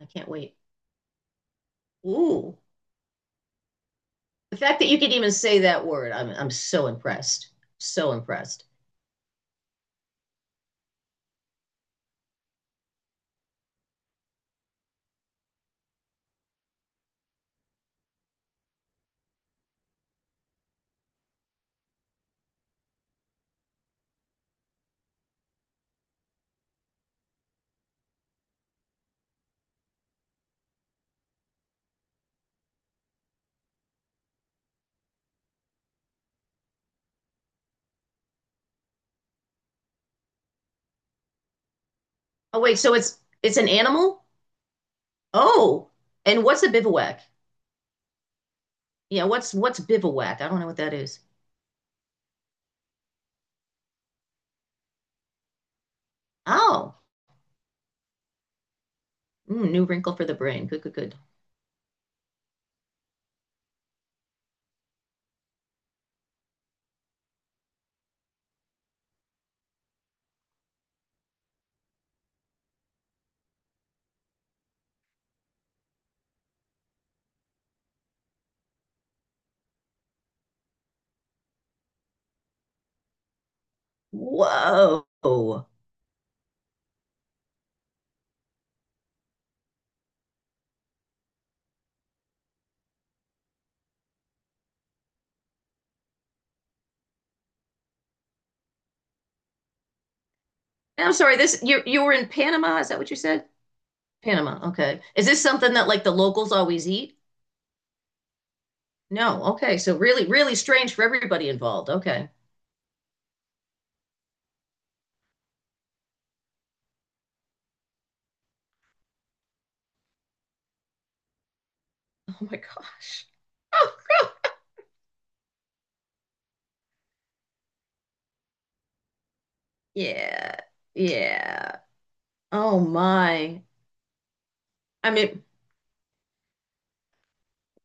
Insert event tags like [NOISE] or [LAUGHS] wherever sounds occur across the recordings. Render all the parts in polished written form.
I can't wait. Ooh. The fact that you could even say that word, I'm so impressed. So impressed. Oh wait, so it's an animal? Oh. And what's a bivouac? Yeah, what's bivouac? I don't know what that is. Oh. Mm, new wrinkle for the brain. Good, good, good. Whoa. And I'm sorry, this you were in Panama, is that what you said? Panama. Okay. Is this something that like the locals always eat? No. Okay. So really, really strange for everybody involved. Okay. Oh my gosh. Oh, yeah. Yeah. Oh my. I mean,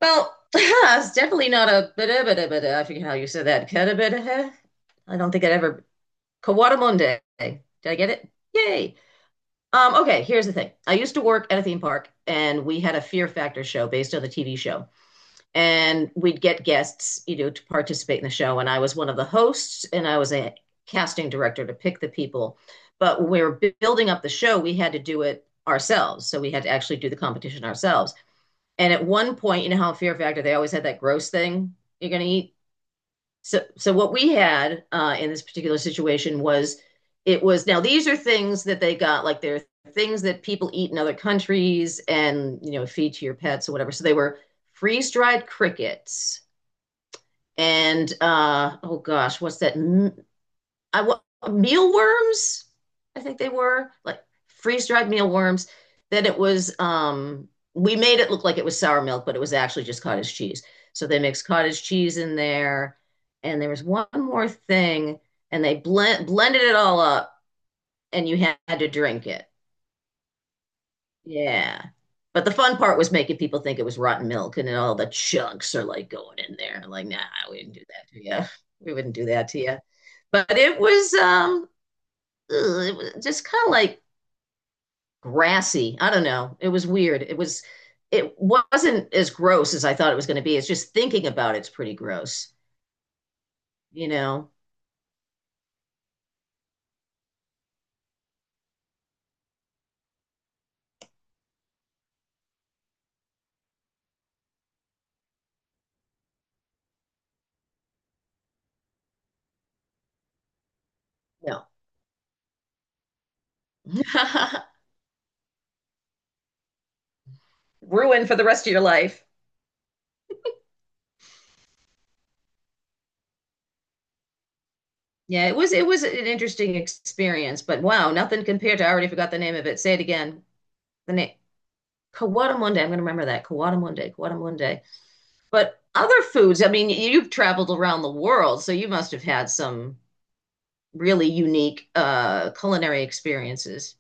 well, [LAUGHS] it's definitely not a bada bada bada. I forget how you said that. Katabata. I don't think I'd ever Kawadamunde. Did I get it? Yay. Okay, here's the thing. I used to work at a theme park and we had a Fear Factor show based on the TV show. And we'd get guests, you know, to participate in the show. And I was one of the hosts, and I was a casting director to pick the people. But when we were building up the show, we had to do it ourselves. So we had to actually do the competition ourselves. And at one point, you know how Fear Factor they always had that gross thing you're going to eat. So what we had in this particular situation was it was, now these are things that they got, like, they're things that people eat in other countries and you know feed to your pets or whatever. So they were freeze dried crickets and oh gosh, what's that? I what, mealworms. I think they were like freeze-dried mealworms. Then it was we made it look like it was sour milk, but it was actually just cottage cheese. So they mixed cottage cheese in there, and there was one more thing, and they blended it all up, and you had to drink it. Yeah. But the fun part was making people think it was rotten milk and then all the chunks are like going in there. Like, nah, we didn't do that to you. We wouldn't do that to you. But it was ugh, it was just kind of like grassy. I don't know. It was weird. It was, it wasn't as gross as I thought it was going to be. It's just thinking about it's pretty gross, you know. No. [LAUGHS] Ruin for the rest of your life. Yeah, it was, it was an interesting experience, but wow, nothing compared to, I already forgot the name of it. Say it again. The name Kawadamunde. I'm going to remember that. Kawadamunde, Kawadamunde. But other foods, I mean, you've traveled around the world, so you must have had some really unique culinary experiences.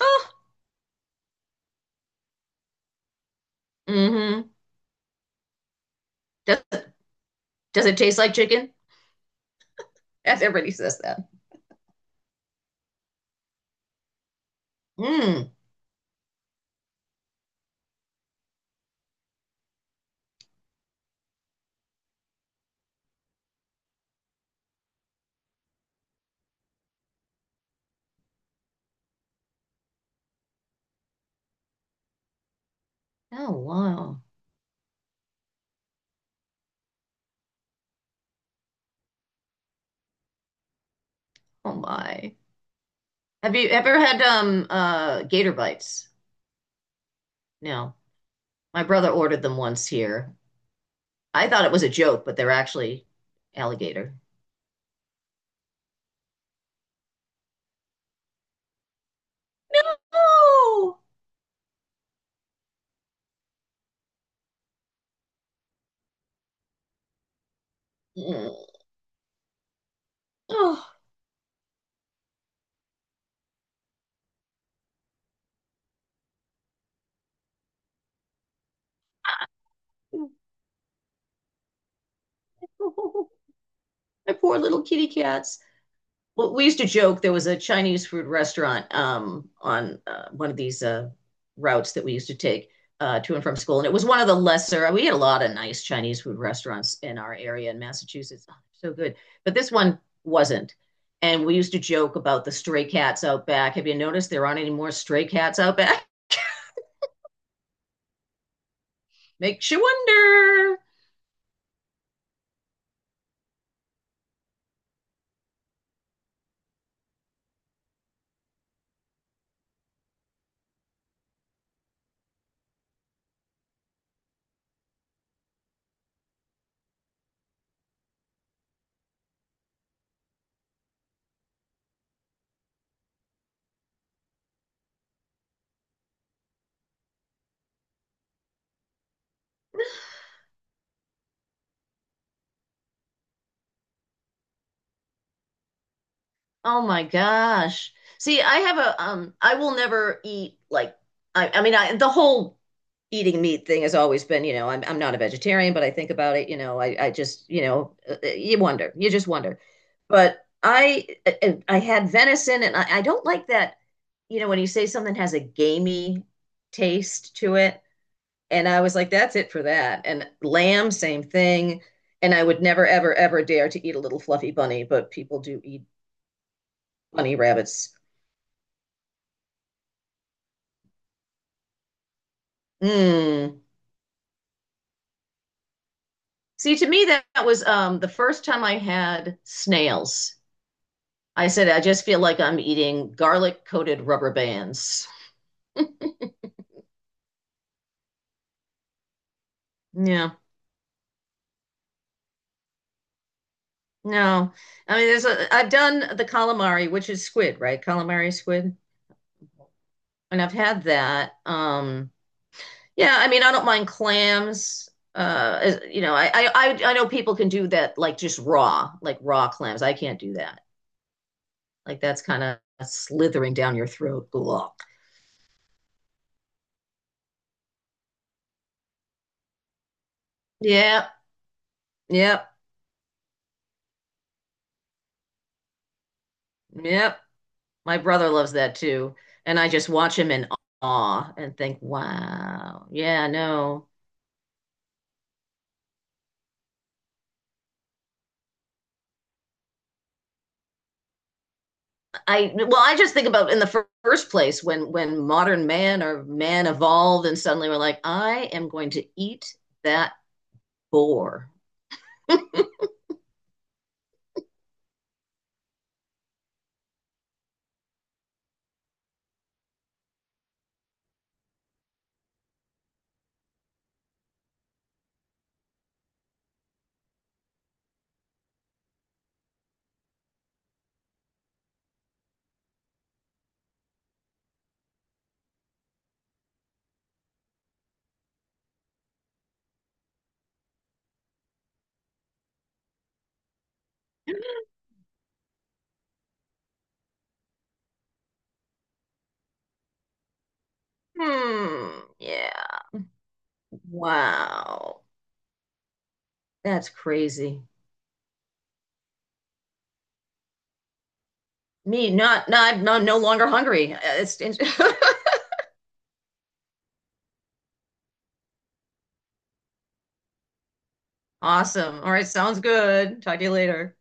Oh, mm-hmm. Does, does it taste like chicken? [LAUGHS] Yes, everybody says that. Mm. Oh, wow. Oh, my. Have you ever had gator bites? No. My brother ordered them once here. I thought it was a joke, but they're actually alligator. Oh, mm. Oh. [LAUGHS] My poor little kitty cats. Well, we used to joke there was a Chinese food restaurant on one of these routes that we used to take to and from school, and it was one of the lesser. We had a lot of nice Chinese food restaurants in our area in Massachusetts. Oh, so good, but this one wasn't. And we used to joke about the stray cats out back. Have you noticed there aren't any more stray cats out back? [LAUGHS] Makes you wonder. Oh my gosh. See, I have a I will never eat like, I mean I the whole eating meat thing has always been, you know, I'm not a vegetarian, but I think about it, you know, I just, you know, you wonder. You just wonder. But I had venison and, I don't like that, you know, when you say something has a gamey taste to it. And I was like, that's it for that. And lamb, same thing. And I would never, ever, ever dare to eat a little fluffy bunny, but people do eat bunny rabbits. Mm. See, to me, that, was the first time I had snails. I said, I just feel like I'm eating garlic coated rubber bands. Yeah, no. I mean, there's a, I've done the calamari, which is squid, right? Calamari squid. And I've had that. Yeah, I mean, I don't mind clams. As- you know, I know people can do that, like just raw, like raw clams. I can't do that. Like that's kind of slithering down your throat. Ugh. Yeah, yep, yep. My brother loves that too. And I just watch him in awe and think, wow, yeah, no. I well, I just think about in the fir- first place when modern man or man evolved and suddenly we're like, I am going to eat that boar. [LAUGHS] Hmm, yeah. Wow. That's crazy. Me, not not I'm no, no longer hungry. It's [LAUGHS] awesome. All right, sounds good. Talk to you later.